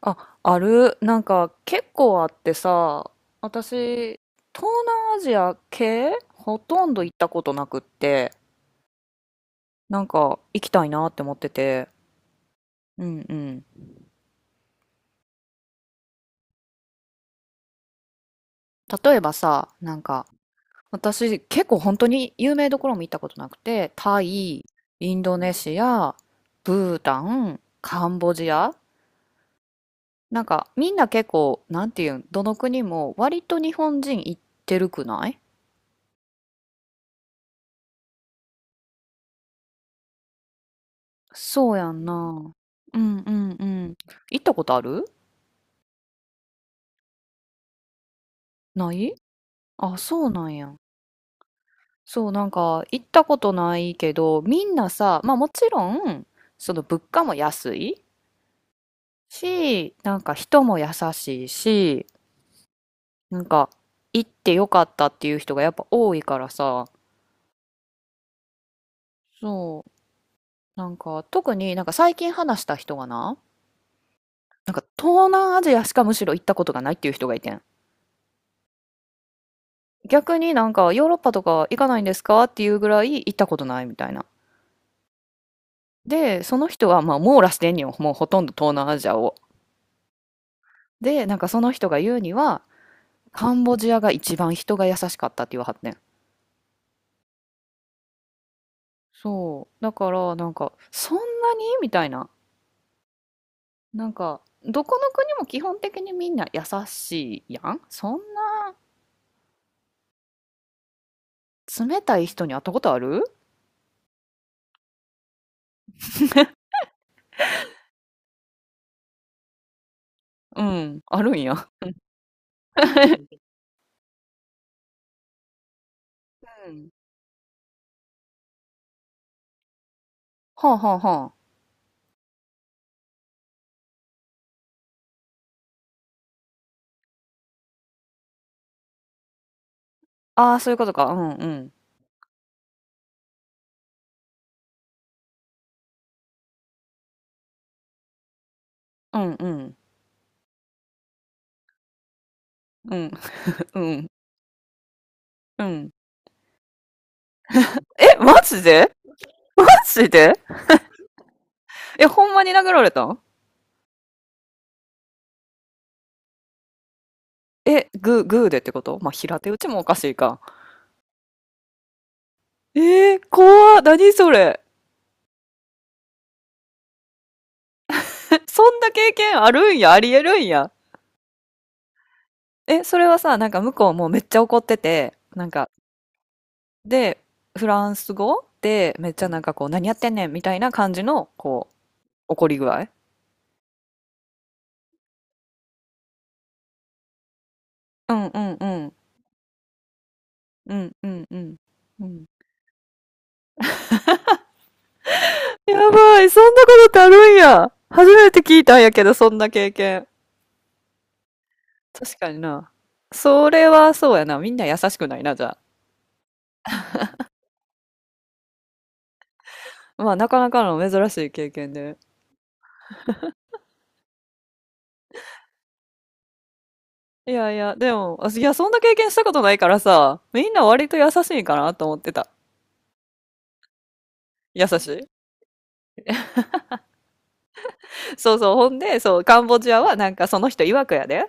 あ、ある。なんか結構あってさ、私、東南アジア系ほとんど行ったことなくって、なんか行きたいなって思ってて。うんうん。例えばさ、なんか私結構本当に有名どころも行ったことなくて、タイ、インドネシア、ブータン、カンボジア。なんかみんな結構、なんていうん、どの国も割と日本人行ってるくない？そうやんな。うんうんうん。行ったことある？ない？あ、そうなんや。そう、なんか行ったことないけど、みんなさ、まあもちろん、その物価も安いし、なんか人も優しいし、なんか行ってよかったっていう人がやっぱ多いからさ、そう、なんか特になんか最近話した人がな、なんか東南アジアしかむしろ行ったことがないっていう人がいてん。逆になんかヨーロッパとか行かないんですかっていうぐらい行ったことないみたいな。で、その人はまあ網羅してんよ。もうほとんど東南アジアを。で、なんかその人が言うには、カンボジアが一番人が優しかったって言わはってん。そう。だからなんか、そんなにみたいな。なんか、どこの国も基本的にみんな優しいやん。そんな冷たい人に会ったことある？ うん、あるんや。うん。はあはあはあ。ああ、そういうことか。うんうん。うんうん。うんうん。うん。え、マジで？マジで？え、ほんまに殴られたん？え、グー、グーでってこと？まあ、平手打ちもおかしいか。えー、怖っ。何それ。そんな経験あるんや、ありえるんや。え、それはさ、なんか向こうもうめっちゃ怒ってて、なんか、で、フランス語でめっちゃなんかこう、何やってんねんみたいな感じの、こう、怒り具合。うんうんうん。うんうんうん。うん。やばい、そんなことってあるんや。初めて聞いたんやけど、そんな経験。確かにな。それはそうやな。みんな優しくないな、じゃあ。まあ、なかなかの珍しい経験で。いやいや、でも、あいや、そんな経験したことないからさ、みんな割と優しいんかなと思ってた。優しい。そうそう。ほんで、そう、カンボジアはなんかその人曰くやで。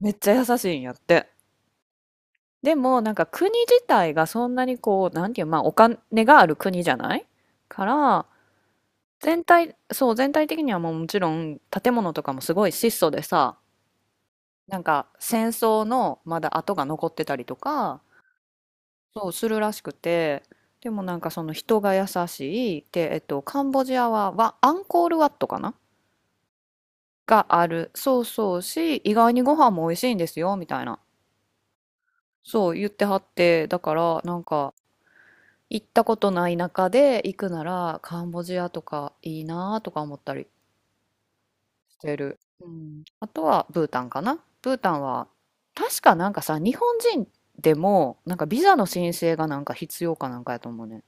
めっちゃ優しいんやって。でも、なんか国自体がそんなにこう、なんていう、まあ、お金がある国じゃないから、全体、そう、全体的にはもうもちろん建物とかもすごい質素でさ、なんか戦争のまだ跡が残ってたりとか、そうするらしくて、でもなんかその人が優しい、で、カンボジアは、アンコールワットかながある。そうそうし、意外にご飯も美味しいんですよ、みたいな。そう言ってはって、だからなんか行ったことない中で行くならカンボジアとかいいなとか思ったり。してる。うん。あとはブータンかな。ブータンは、確かなんかさ、日本人でも、なんかビザの申請がなんか必要かなんかやと思うね。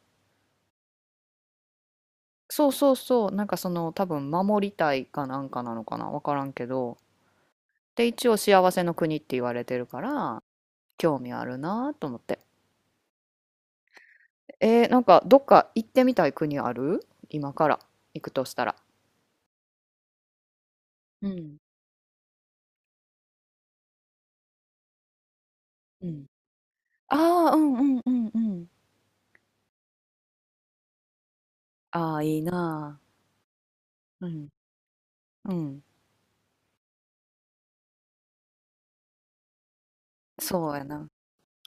そうそうそう、なんかその多分守りたいかなんかなのかな、わからんけど。で、一応幸せの国って言われてるから、興味あるなと思って。なんかどっか行ってみたい国ある？今から行くとしたら。うん。うん。ああ、うんうんうんうん。ああ、いいなあ。うん。うん。そうやな。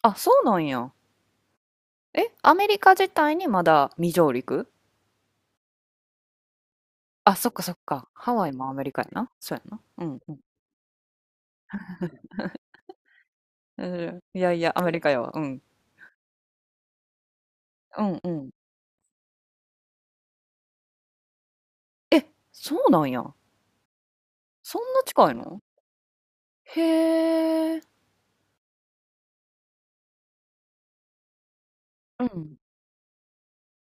あ、そうなんや。え、アメリカ自体にまだ未上陸？あ、そっかそっか。ハワイもアメリカやな。そうやな。うんうん。いやいや、アメリカやわ。うん。うんうん。え、そうなんや。そんな近いの？へえ。うん。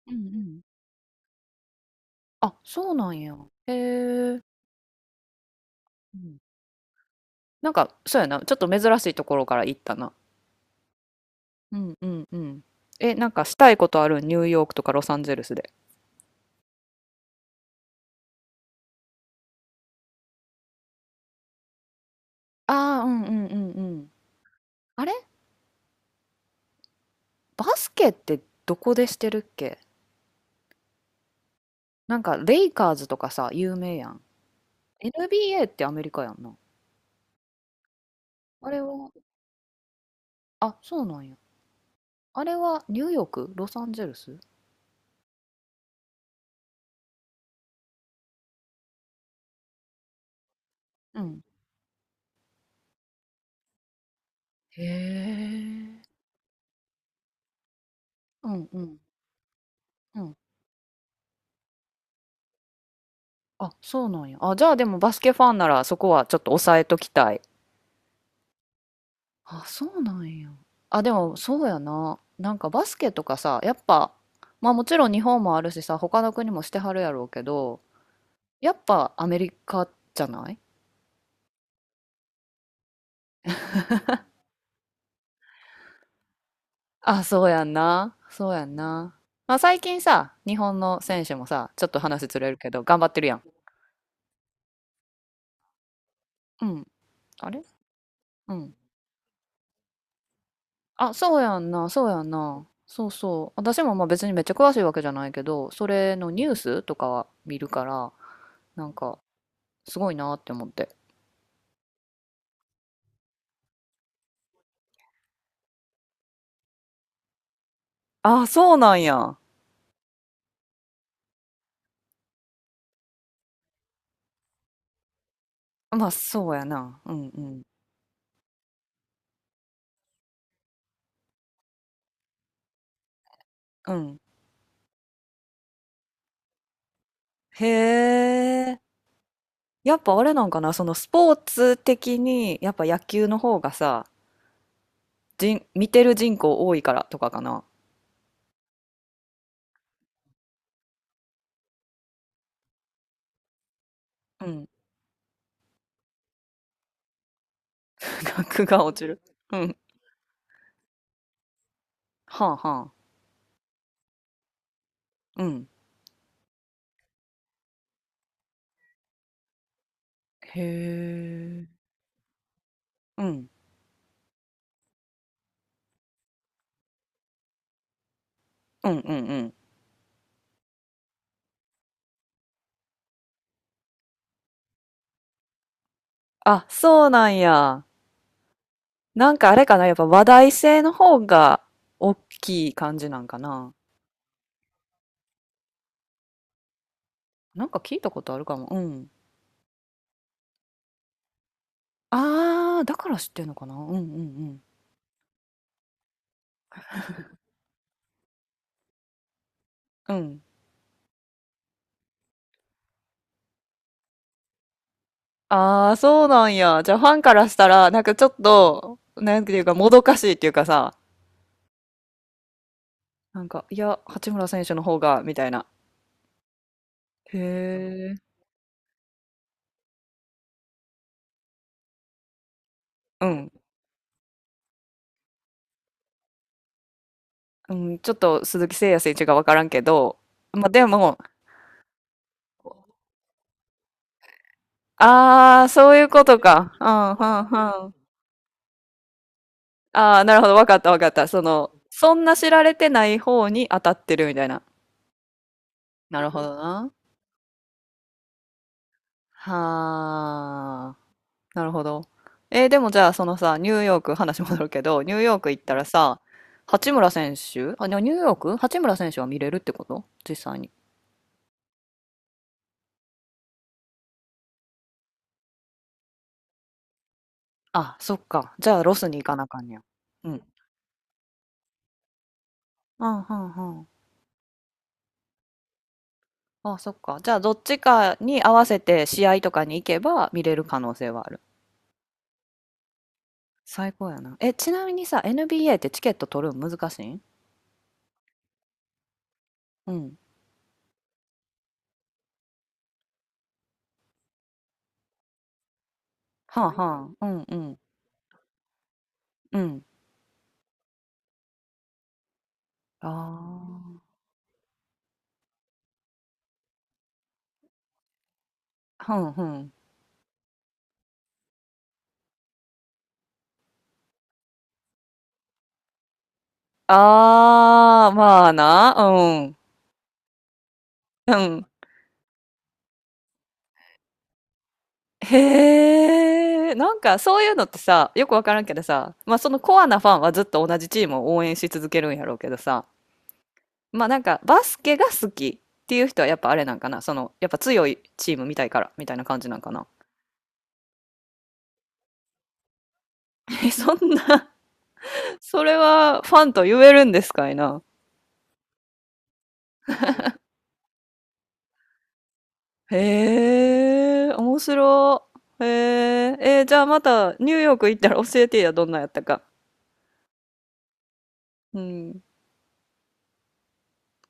うんうん。あ、そうなんや。へえ。うん。なんか、そうやな。ちょっと珍しいところから行ったな。うんうんうん。え、なんかしたいことある？ニューヨークとかロサンゼルスで。ああ、うんうんうんうん。あれ、バスケってどこでしてるっけ？なんか、レイカーズとかさ、有名やん。NBA ってアメリカやんな。あれは、あ、そうなんや。あれはニューヨーク？ロサンゼルス？うん。へえ。うんうんうん。あ、そうなんや。あ、じゃあでもバスケファンならそこはちょっと抑えときたい。あ、そうなんや。あ、でもそうやな。なんかバスケとかさ、やっぱ、まあもちろん日本もあるしさ、他の国もしてはるやろうけど、やっぱアメリカじゃない？あ、そうやんな。そうやんな。まあ、最近さ、日本の選手もさ、ちょっと話ずれるけど、頑張ってるやん。うん。あれ、うん。あ、そうやんな。そうやんな。そうそう。私もまあ別にめっちゃ詳しいわけじゃないけど、それのニュースとかは見るから、なんか、すごいなって思って。あ、そうなんや。まあ、そうやな。うんうん。うん。へえ。やっぱあれなんかな、そのスポーツ的に、やっぱ野球の方がさ、人、見てる人口多いからとかかな。うん。額が落ちる。うん。はあはあ。うん。へえ。うん。うんうんうん。あ、そうなんや。なんかあれかな、やっぱ話題性の方が大きい感じなんかな。なんか聞いたことあるかも。うん。あー、だから知ってんのかな。うんうんうん。うん。あー、そうなんや。じゃあファンからしたら、なんかちょっと、なんていうか、もどかしいっていうかさ、なんか、いや、八村選手の方が、みたいな。へえ。うんうん、ちょっと鈴木誠也選手がわからんけど、まあ、でも、ああ、そういうことか。うん、うん、うん。ああ、なるほど。わかった、わかった。その、そんな知られてない方に当たってるみたいな。なるほどな。はあ、なるほど。えーでもじゃあ、そのさ、ニューヨーク、話戻るけど、ニューヨーク行ったらさ、八村選手、あ、でもニューヨーク、八村選手は見れるってこと？実際に。あ、そっか。じゃあ、ロスに行かなあかんねや。うん。うん、うん、うん。あ、そっか。じゃあ、どっちかに合わせて試合とかに行けば見れる可能性はある。最高やな。え、ちなみにさ、NBA ってチケット取るの難しいん？うん。はあはあ。うんうん。うん。ああ。うんうん。ああ、まあな。うん。うん。へえ。なんか、そういうのってさ、よくわからんけどさ、まあ、そのコアなファンはずっと同じチームを応援し続けるんやろうけどさ、まあなんかバスケが好きっていう人はやっぱあれなんかな、そのやっぱ強いチーム見たいからみたいな感じなんかな。え、そんな。それはファンと言えるんですかいな。へえ、面白い。へえ、えーじゃあまたニューヨーク行ったら教えてや、どんなんやったか。うん。